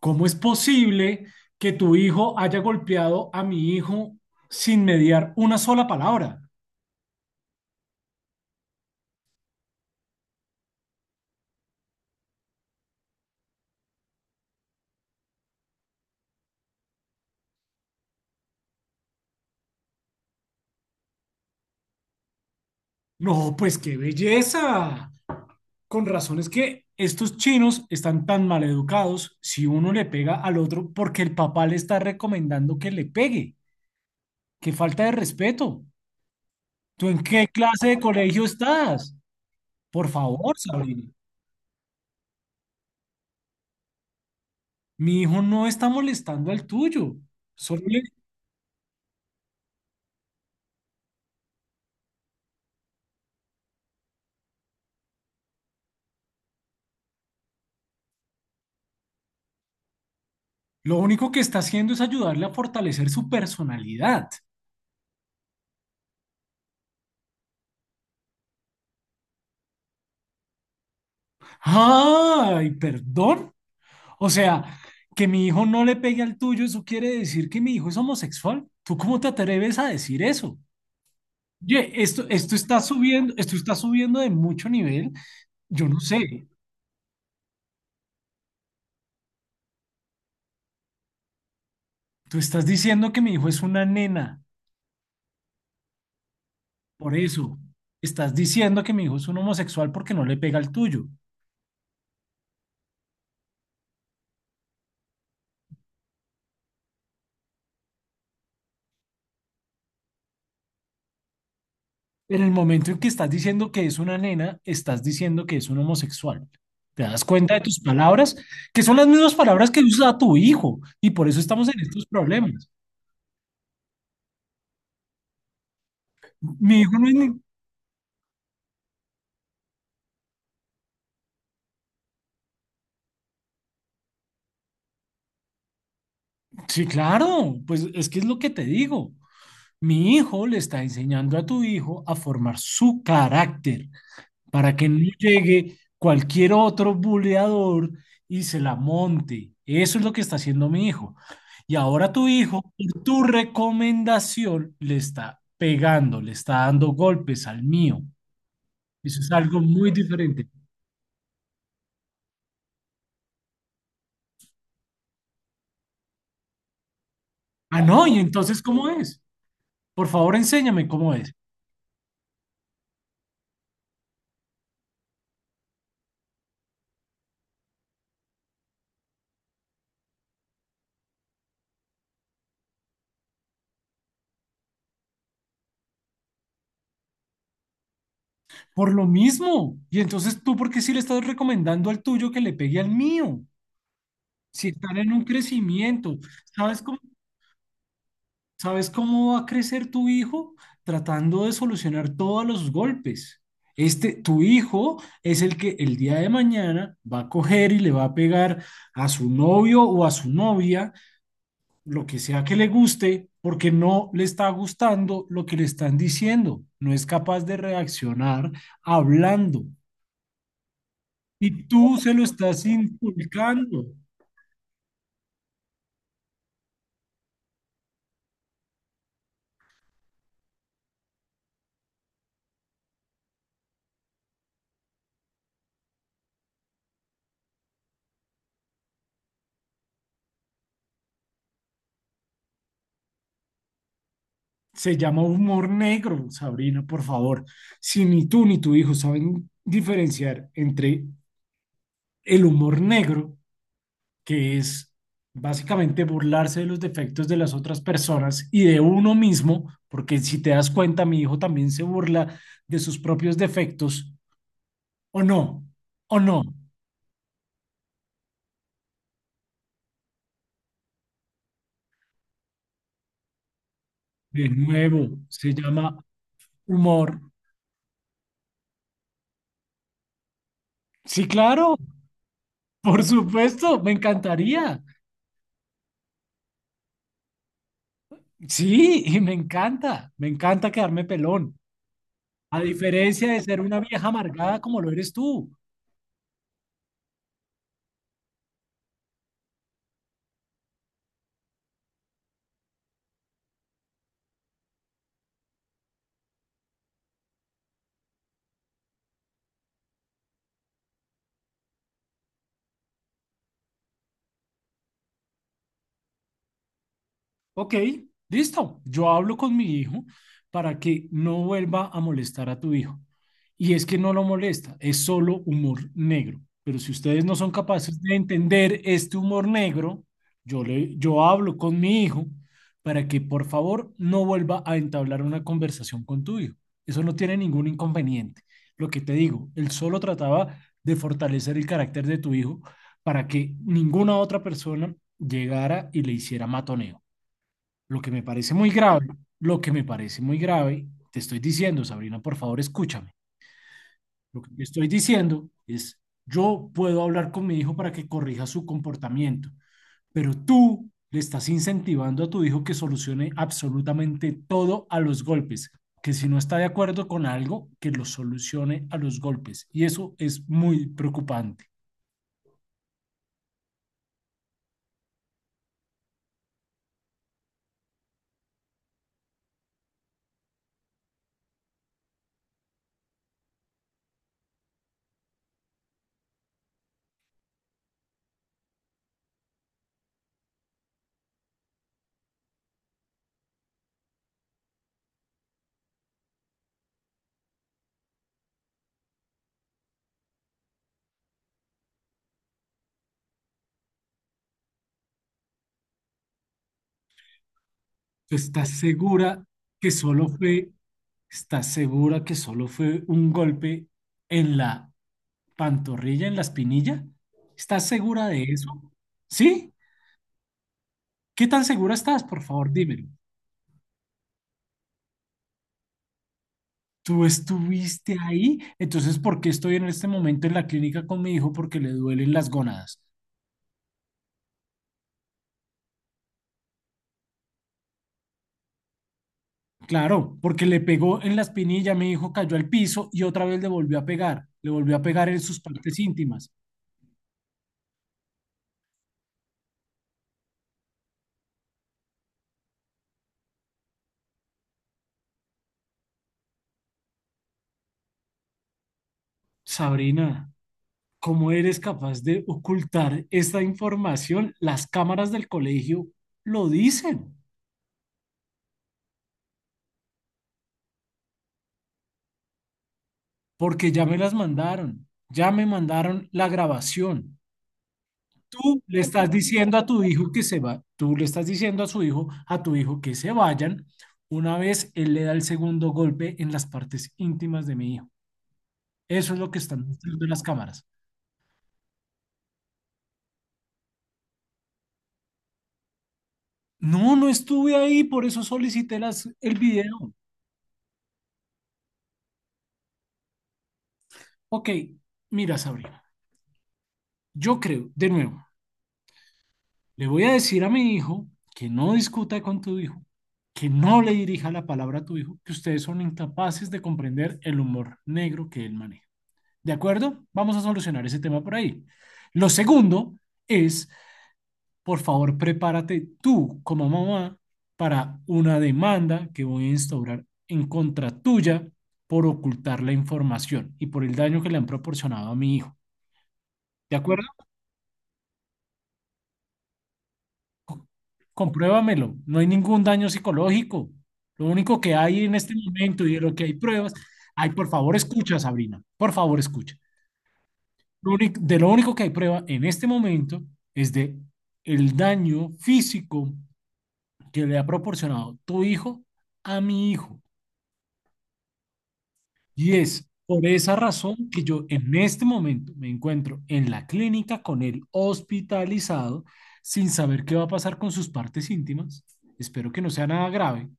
¿Cómo es posible que tu hijo haya golpeado a mi hijo sin mediar una sola palabra? No, pues qué belleza. Con razón es que estos chinos están tan mal educados si uno le pega al otro porque el papá le está recomendando que le pegue. Qué falta de respeto. ¿Tú en qué clase de colegio estás? Por favor, Sabrina. Mi hijo no está molestando al tuyo. Solo le- lo único que está haciendo es ayudarle a fortalecer su personalidad. Ay, perdón. O sea, que mi hijo no le pegue al tuyo, eso quiere decir que mi hijo es homosexual. ¿Tú cómo te atreves a decir eso? Oye, esto está subiendo, esto está subiendo de mucho nivel. Yo no sé. Tú estás diciendo que mi hijo es una nena, por eso. Estás diciendo que mi hijo es un homosexual porque no le pega al tuyo. En el momento en que estás diciendo que es una nena, estás diciendo que es un homosexual. ¿Te das cuenta de tus palabras? Que son las mismas palabras que usa tu hijo. Y por eso estamos en estos problemas. Mi hijo no es ni- sí, claro. Pues es que es lo que te digo. Mi hijo le está enseñando a tu hijo a formar su carácter, para que no llegue cualquier otro buleador y se la monte. Eso es lo que está haciendo mi hijo. Y ahora tu hijo, por tu recomendación, le está pegando, le está dando golpes al mío. Eso es algo muy diferente. Ah, no, y entonces, ¿cómo es? Por favor, enséñame cómo es. Por lo mismo. Y entonces, ¿tú por qué sí le estás recomendando al tuyo que le pegue al mío? Si están en un crecimiento, ¿sabes cómo? ¿Sabes cómo va a crecer tu hijo? Tratando de solucionar todos los golpes. Este, tu hijo es el que el día de mañana va a coger y le va a pegar a su novio o a su novia, lo que sea que le guste, porque no le está gustando lo que le están diciendo. No es capaz de reaccionar hablando. Y tú se lo estás inculcando. Se llama humor negro, Sabrina, por favor. Si ni tú ni tu hijo saben diferenciar entre el humor negro, que es básicamente burlarse de los defectos de las otras personas y de uno mismo, porque si te das cuenta, mi hijo también se burla de sus propios defectos, o no, o no. De nuevo, se llama humor. Sí, claro, por supuesto, me encantaría. Sí, y me encanta quedarme pelón. A diferencia de ser una vieja amargada como lo eres tú. Ok, listo. Yo hablo con mi hijo para que no vuelva a molestar a tu hijo. Y es que no lo molesta, es solo humor negro. Pero si ustedes no son capaces de entender este humor negro, yo hablo con mi hijo para que por favor no vuelva a entablar una conversación con tu hijo. Eso no tiene ningún inconveniente. Lo que te digo, él solo trataba de fortalecer el carácter de tu hijo para que ninguna otra persona llegara y le hiciera matoneo. Lo que me parece muy grave, lo que me parece muy grave, te estoy diciendo, Sabrina, por favor, escúchame. Lo que te estoy diciendo es, yo puedo hablar con mi hijo para que corrija su comportamiento, pero tú le estás incentivando a tu hijo que solucione absolutamente todo a los golpes, que si no está de acuerdo con algo, que lo solucione a los golpes. Y eso es muy preocupante. ¿Tú estás segura que solo fue, estás segura que solo fue un golpe en la ¿pantorrilla, en la espinilla? ¿Estás segura de eso? ¿Sí? ¿Qué tan segura estás? Por favor, dímelo. ¿Tú estuviste ahí? Entonces, ¿por qué estoy en este momento en la clínica con mi hijo? Porque le duelen las gónadas. Claro, porque le pegó en la espinilla, mi hijo cayó al piso y otra vez le volvió a pegar. Le volvió a pegar en sus partes íntimas. Sabrina, ¿cómo eres capaz de ocultar esta información? Las cámaras del colegio lo dicen, porque ya me las mandaron, ya me mandaron la grabación. Tú le estás diciendo a tu hijo que se va, tú le estás diciendo a su hijo, a tu hijo que se vayan. Una vez él le da el segundo golpe en las partes íntimas de mi hijo. Eso es lo que están mostrando las cámaras. No, no estuve ahí, por eso solicité el video. Ok, mira, Sabrina, yo creo, de nuevo, le voy a decir a mi hijo que no discuta con tu hijo, que no le dirija la palabra a tu hijo, que ustedes son incapaces de comprender el humor negro que él maneja. ¿De acuerdo? Vamos a solucionar ese tema por ahí. Lo segundo es, por favor, prepárate tú como mamá para una demanda que voy a instaurar en contra tuya por ocultar la información y por el daño que le han proporcionado a mi hijo. ¿De acuerdo? Co- compruébamelo. No hay ningún daño psicológico. Lo único que hay en este momento y de lo que hay pruebas, ay, por favor, escucha, Sabrina, por favor, escucha. Lo único- de lo único que hay prueba en este momento es de el daño físico que le ha proporcionado tu hijo a mi hijo. Y es por esa razón que yo en este momento me encuentro en la clínica con él hospitalizado sin saber qué va a pasar con sus partes íntimas. Espero que no sea nada grave.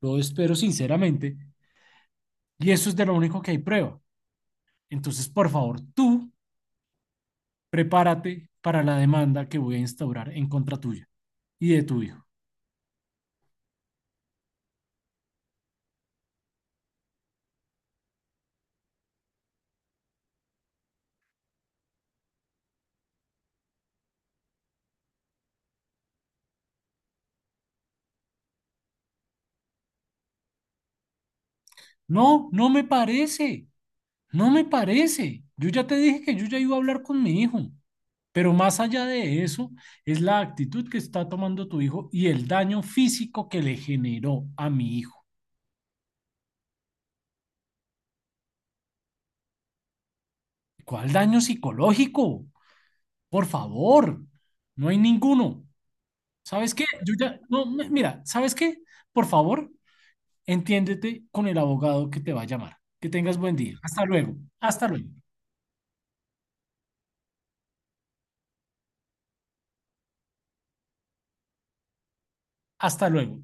Lo espero sinceramente. Y eso es de lo único que hay prueba. Entonces, por favor, tú prepárate para la demanda que voy a instaurar en contra tuya y de tu hijo. No, no me parece. No me parece. Yo ya te dije que yo ya iba a hablar con mi hijo. Pero más allá de eso, es la actitud que está tomando tu hijo y el daño físico que le generó a mi hijo. ¿Cuál daño psicológico? Por favor, no hay ninguno. ¿Sabes qué? Yo ya, no, mi- mira, ¿sabes qué? Por favor, entiéndete con el abogado que te va a llamar. Que tengas buen día. Hasta luego. Hasta luego. Hasta luego.